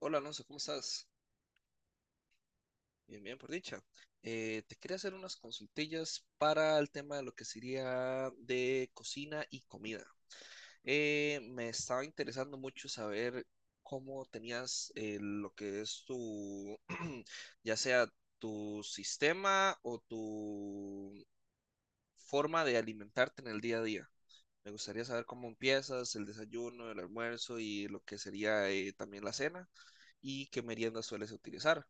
Hola Alonso, ¿cómo estás? Bien, bien, por dicha. Te quería hacer unas consultillas para el tema de lo que sería de cocina y comida. Me estaba interesando mucho saber cómo tenías lo que es tu, ya sea tu sistema o tu forma de alimentarte en el día a día. Me gustaría saber cómo empiezas el desayuno, el almuerzo y lo que sería también la cena y qué meriendas sueles utilizar.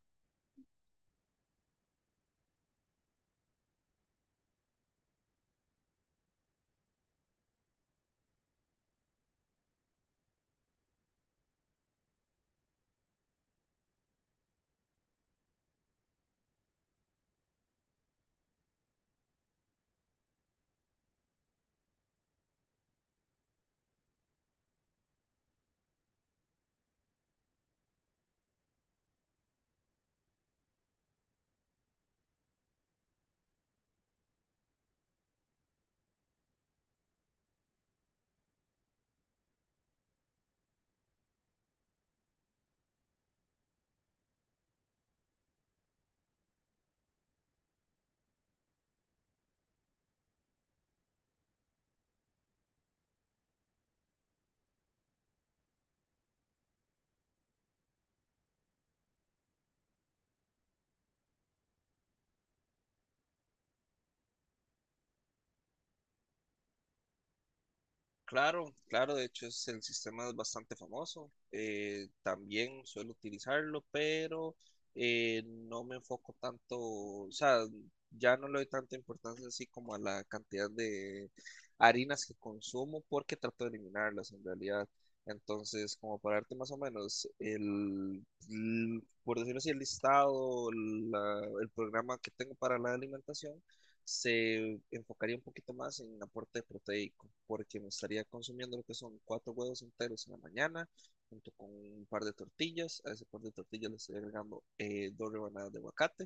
Claro, claro, de hecho es, el sistema es bastante famoso. También suelo utilizarlo, pero no me enfoco tanto, o sea, ya no le doy tanta importancia así como a la cantidad de harinas que consumo porque trato de eliminarlas en realidad. Entonces, como para darte más o menos el, por decirlo así, el listado, el programa que tengo para la alimentación se enfocaría un poquito más en aporte proteico, porque me estaría consumiendo lo que son cuatro huevos enteros en la mañana, junto con un par de tortillas. A ese par de tortillas le estoy agregando dos rebanadas de aguacate,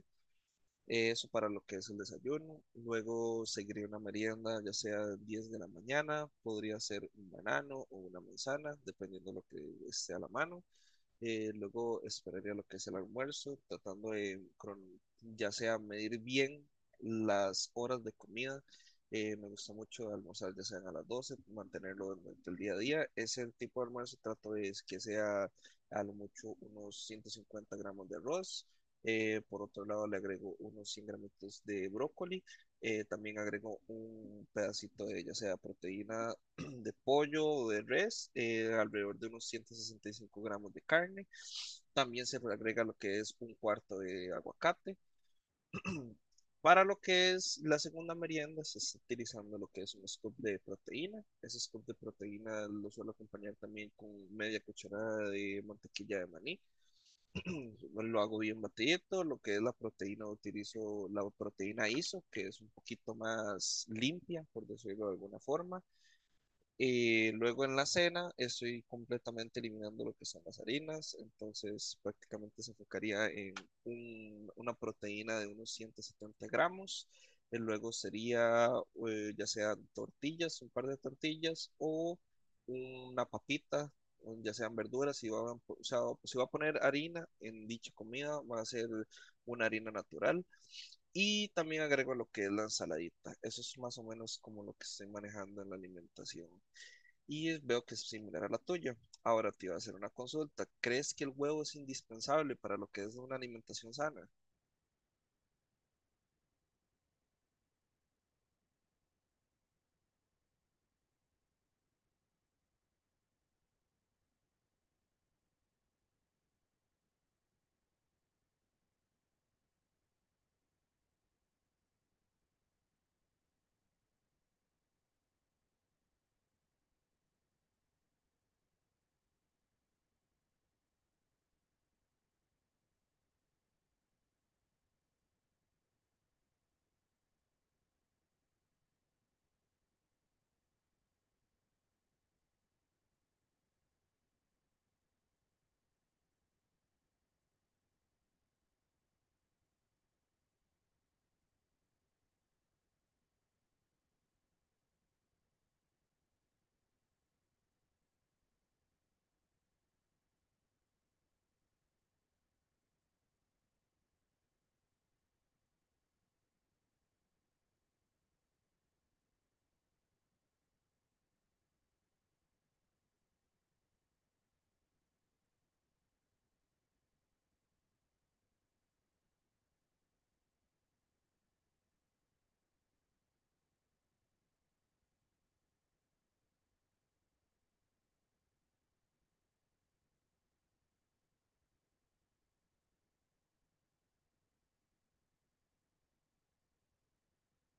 eso para lo que es el desayuno. Luego seguiría una merienda, ya sea 10 de la mañana, podría ser un banano o una manzana, dependiendo de lo que esté a la mano. Luego esperaría lo que es el almuerzo, tratando de, ya sea medir bien las horas de comida. Me gusta mucho almorzar ya sea a las doce, mantenerlo durante el día a día. Ese tipo de almuerzo trato de es que sea a lo mucho unos 150 gramos de arroz. Por otro lado, le agrego unos 100 gramitos de brócoli. También agrego un pedacito de ya sea proteína de pollo o de res, alrededor de unos 165 gramos de carne. También se le agrega lo que es un cuarto de aguacate. Para lo que es la segunda merienda, se está utilizando lo que es un scoop de proteína. Ese scoop de proteína lo suelo acompañar también con media cucharada de mantequilla de maní. Lo hago bien batidito. Lo que es la proteína, utilizo la proteína ISO, que es un poquito más limpia, por decirlo de alguna forma. Y luego en la cena estoy completamente eliminando lo que son las harinas, entonces prácticamente se enfocaría en una proteína de unos 170 gramos. Y luego sería ya sean tortillas, un par de tortillas o una papita, o ya sean verduras. Si va a, o sea, si va a poner harina en dicha comida, va a ser una harina natural. Y también agrego lo que es la ensaladita. Eso es más o menos como lo que estoy manejando en la alimentación y veo que es similar a la tuya. Ahora te iba a hacer una consulta. ¿Crees que el huevo es indispensable para lo que es una alimentación sana?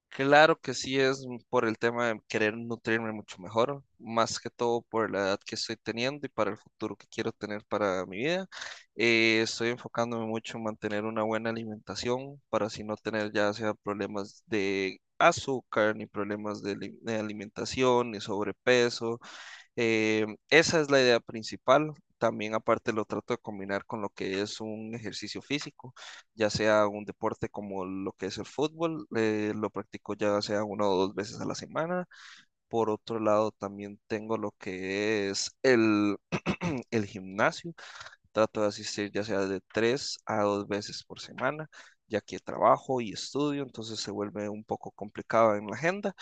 Claro que sí, es por el tema de querer nutrirme mucho mejor, más que todo por la edad que estoy teniendo y para el futuro que quiero tener para mi vida. Estoy enfocándome mucho en mantener una buena alimentación para así no tener ya sea problemas de azúcar, ni problemas de, de alimentación, ni sobrepeso. Esa es la idea principal. También aparte lo trato de combinar con lo que es un ejercicio físico, ya sea un deporte como lo que es el fútbol, lo practico ya sea una o dos veces a la semana. Por otro lado, también tengo lo que es el gimnasio, trato de asistir ya sea de tres a dos veces por semana, ya que trabajo y estudio, entonces se vuelve un poco complicado en la agenda,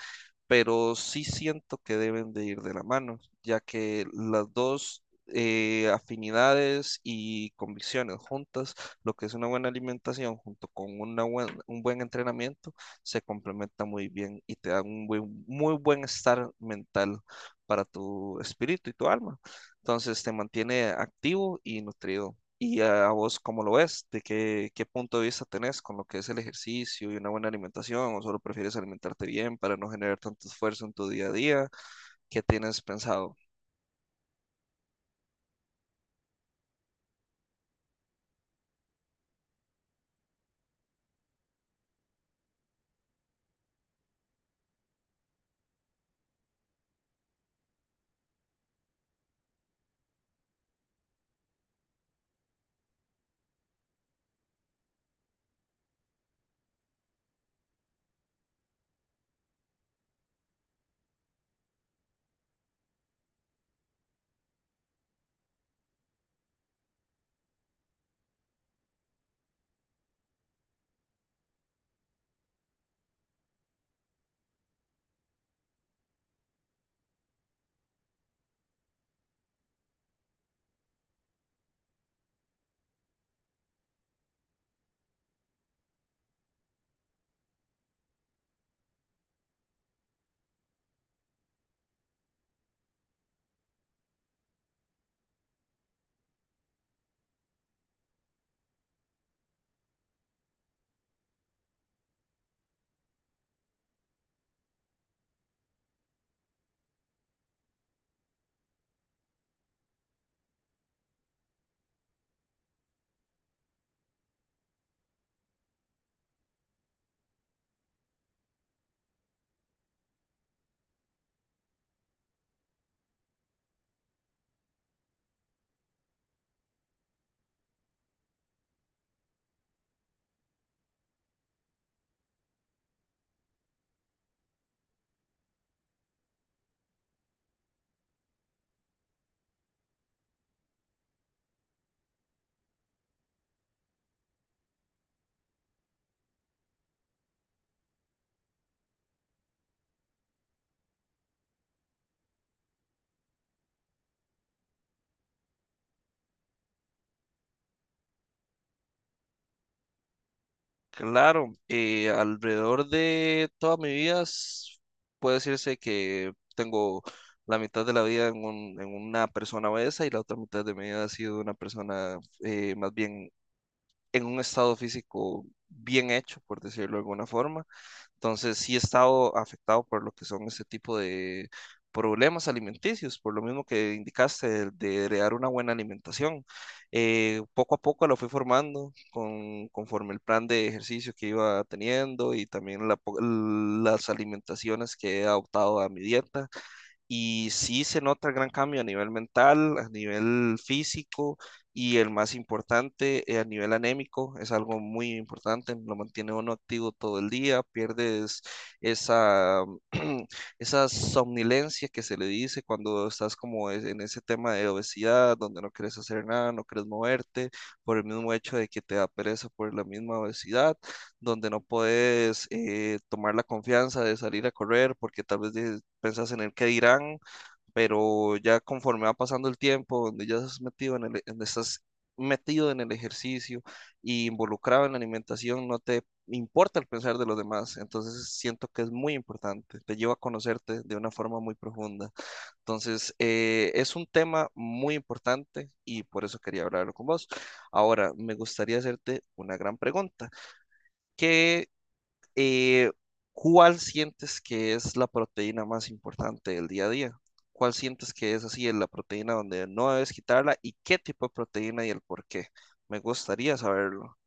pero sí siento que deben de ir de la mano, ya que las dos afinidades y convicciones juntas, lo que es una buena alimentación junto con una un buen entrenamiento, se complementa muy bien y te da un muy buen estar mental para tu espíritu y tu alma. Entonces te mantiene activo y nutrido. ¿Y a vos cómo lo ves? ¿De qué, qué punto de vista tenés con lo que es el ejercicio y una buena alimentación? ¿O solo prefieres alimentarte bien para no generar tanto esfuerzo en tu día a día? ¿Qué tienes pensado? Claro, alrededor de toda mi vida puede decirse que tengo la mitad de la vida en, en una persona obesa y la otra mitad de mi vida ha sido una persona más bien en un estado físico bien hecho, por decirlo de alguna forma. Entonces sí he estado afectado por lo que son este tipo de problemas alimenticios, por lo mismo que indicaste, de crear una buena alimentación. Poco a poco lo fui formando con, conforme el plan de ejercicio que iba teniendo y también la las alimentaciones que he adoptado a mi dieta. Y sí se nota el gran cambio a nivel mental, a nivel físico y el más importante, a nivel anémico. Es algo muy importante, lo mantiene uno activo todo el día, pierdes esa, esa somnolencia que se le dice cuando estás como en ese tema de obesidad, donde no quieres hacer nada, no quieres moverte, por el mismo hecho de que te da pereza por la misma obesidad, donde no puedes tomar la confianza de salir a correr porque tal vez pensás en el qué dirán, pero ya conforme va pasando el tiempo, donde ya estás metido en el, estás metido en el ejercicio y involucrado en la alimentación, no te importa el pensar de los demás, entonces siento que es muy importante, te lleva a conocerte de una forma muy profunda. Entonces, es un tema muy importante y por eso quería hablarlo con vos. Ahora, me gustaría hacerte una gran pregunta. ¿Qué eh, ¿cuál sientes que es la proteína más importante del día a día? ¿Cuál sientes que es así, la proteína donde no debes quitarla y qué tipo de proteína y el por qué? Me gustaría saberlo.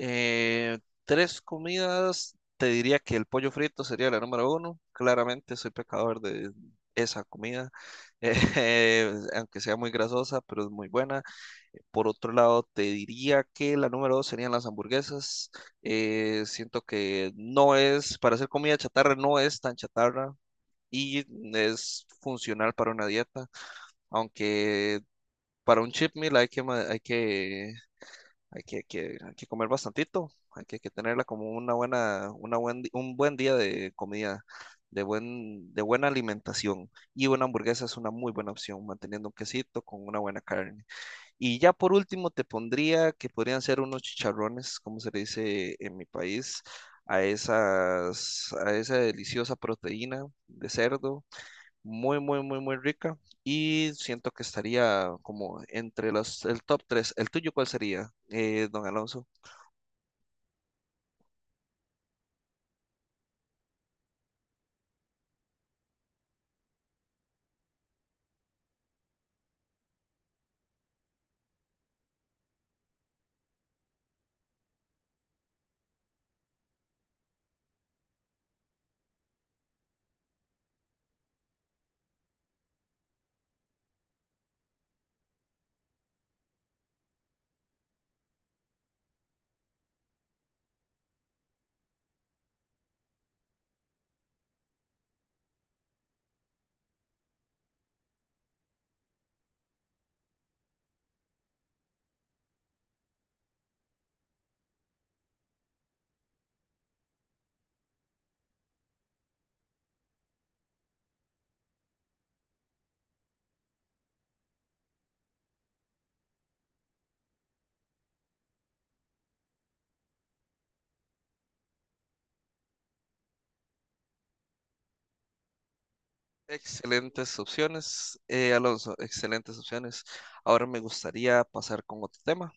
Eh, Tres comidas, te diría que el pollo frito sería la número uno. Claramente soy pecador de esa comida, aunque sea muy grasosa, pero es muy buena. Por otro lado, te diría que la número dos serían las hamburguesas. Siento que no es, para hacer comida chatarra, no es tan chatarra y es funcional para una dieta, aunque para un cheat meal hay que comer bastantito, hay que tenerla como una buena, un buen día de comida, de buena alimentación. Y una hamburguesa es una muy buena opción, manteniendo un quesito con una buena carne. Y ya por último te pondría que podrían ser unos chicharrones, como se le dice en mi país, a esas, a esa deliciosa proteína de cerdo, muy, muy, muy, muy rica. Y siento que estaría como entre los, el top tres. ¿El tuyo cuál sería, don Alonso? Excelentes opciones, Alonso, excelentes opciones. Ahora me gustaría pasar con otro tema.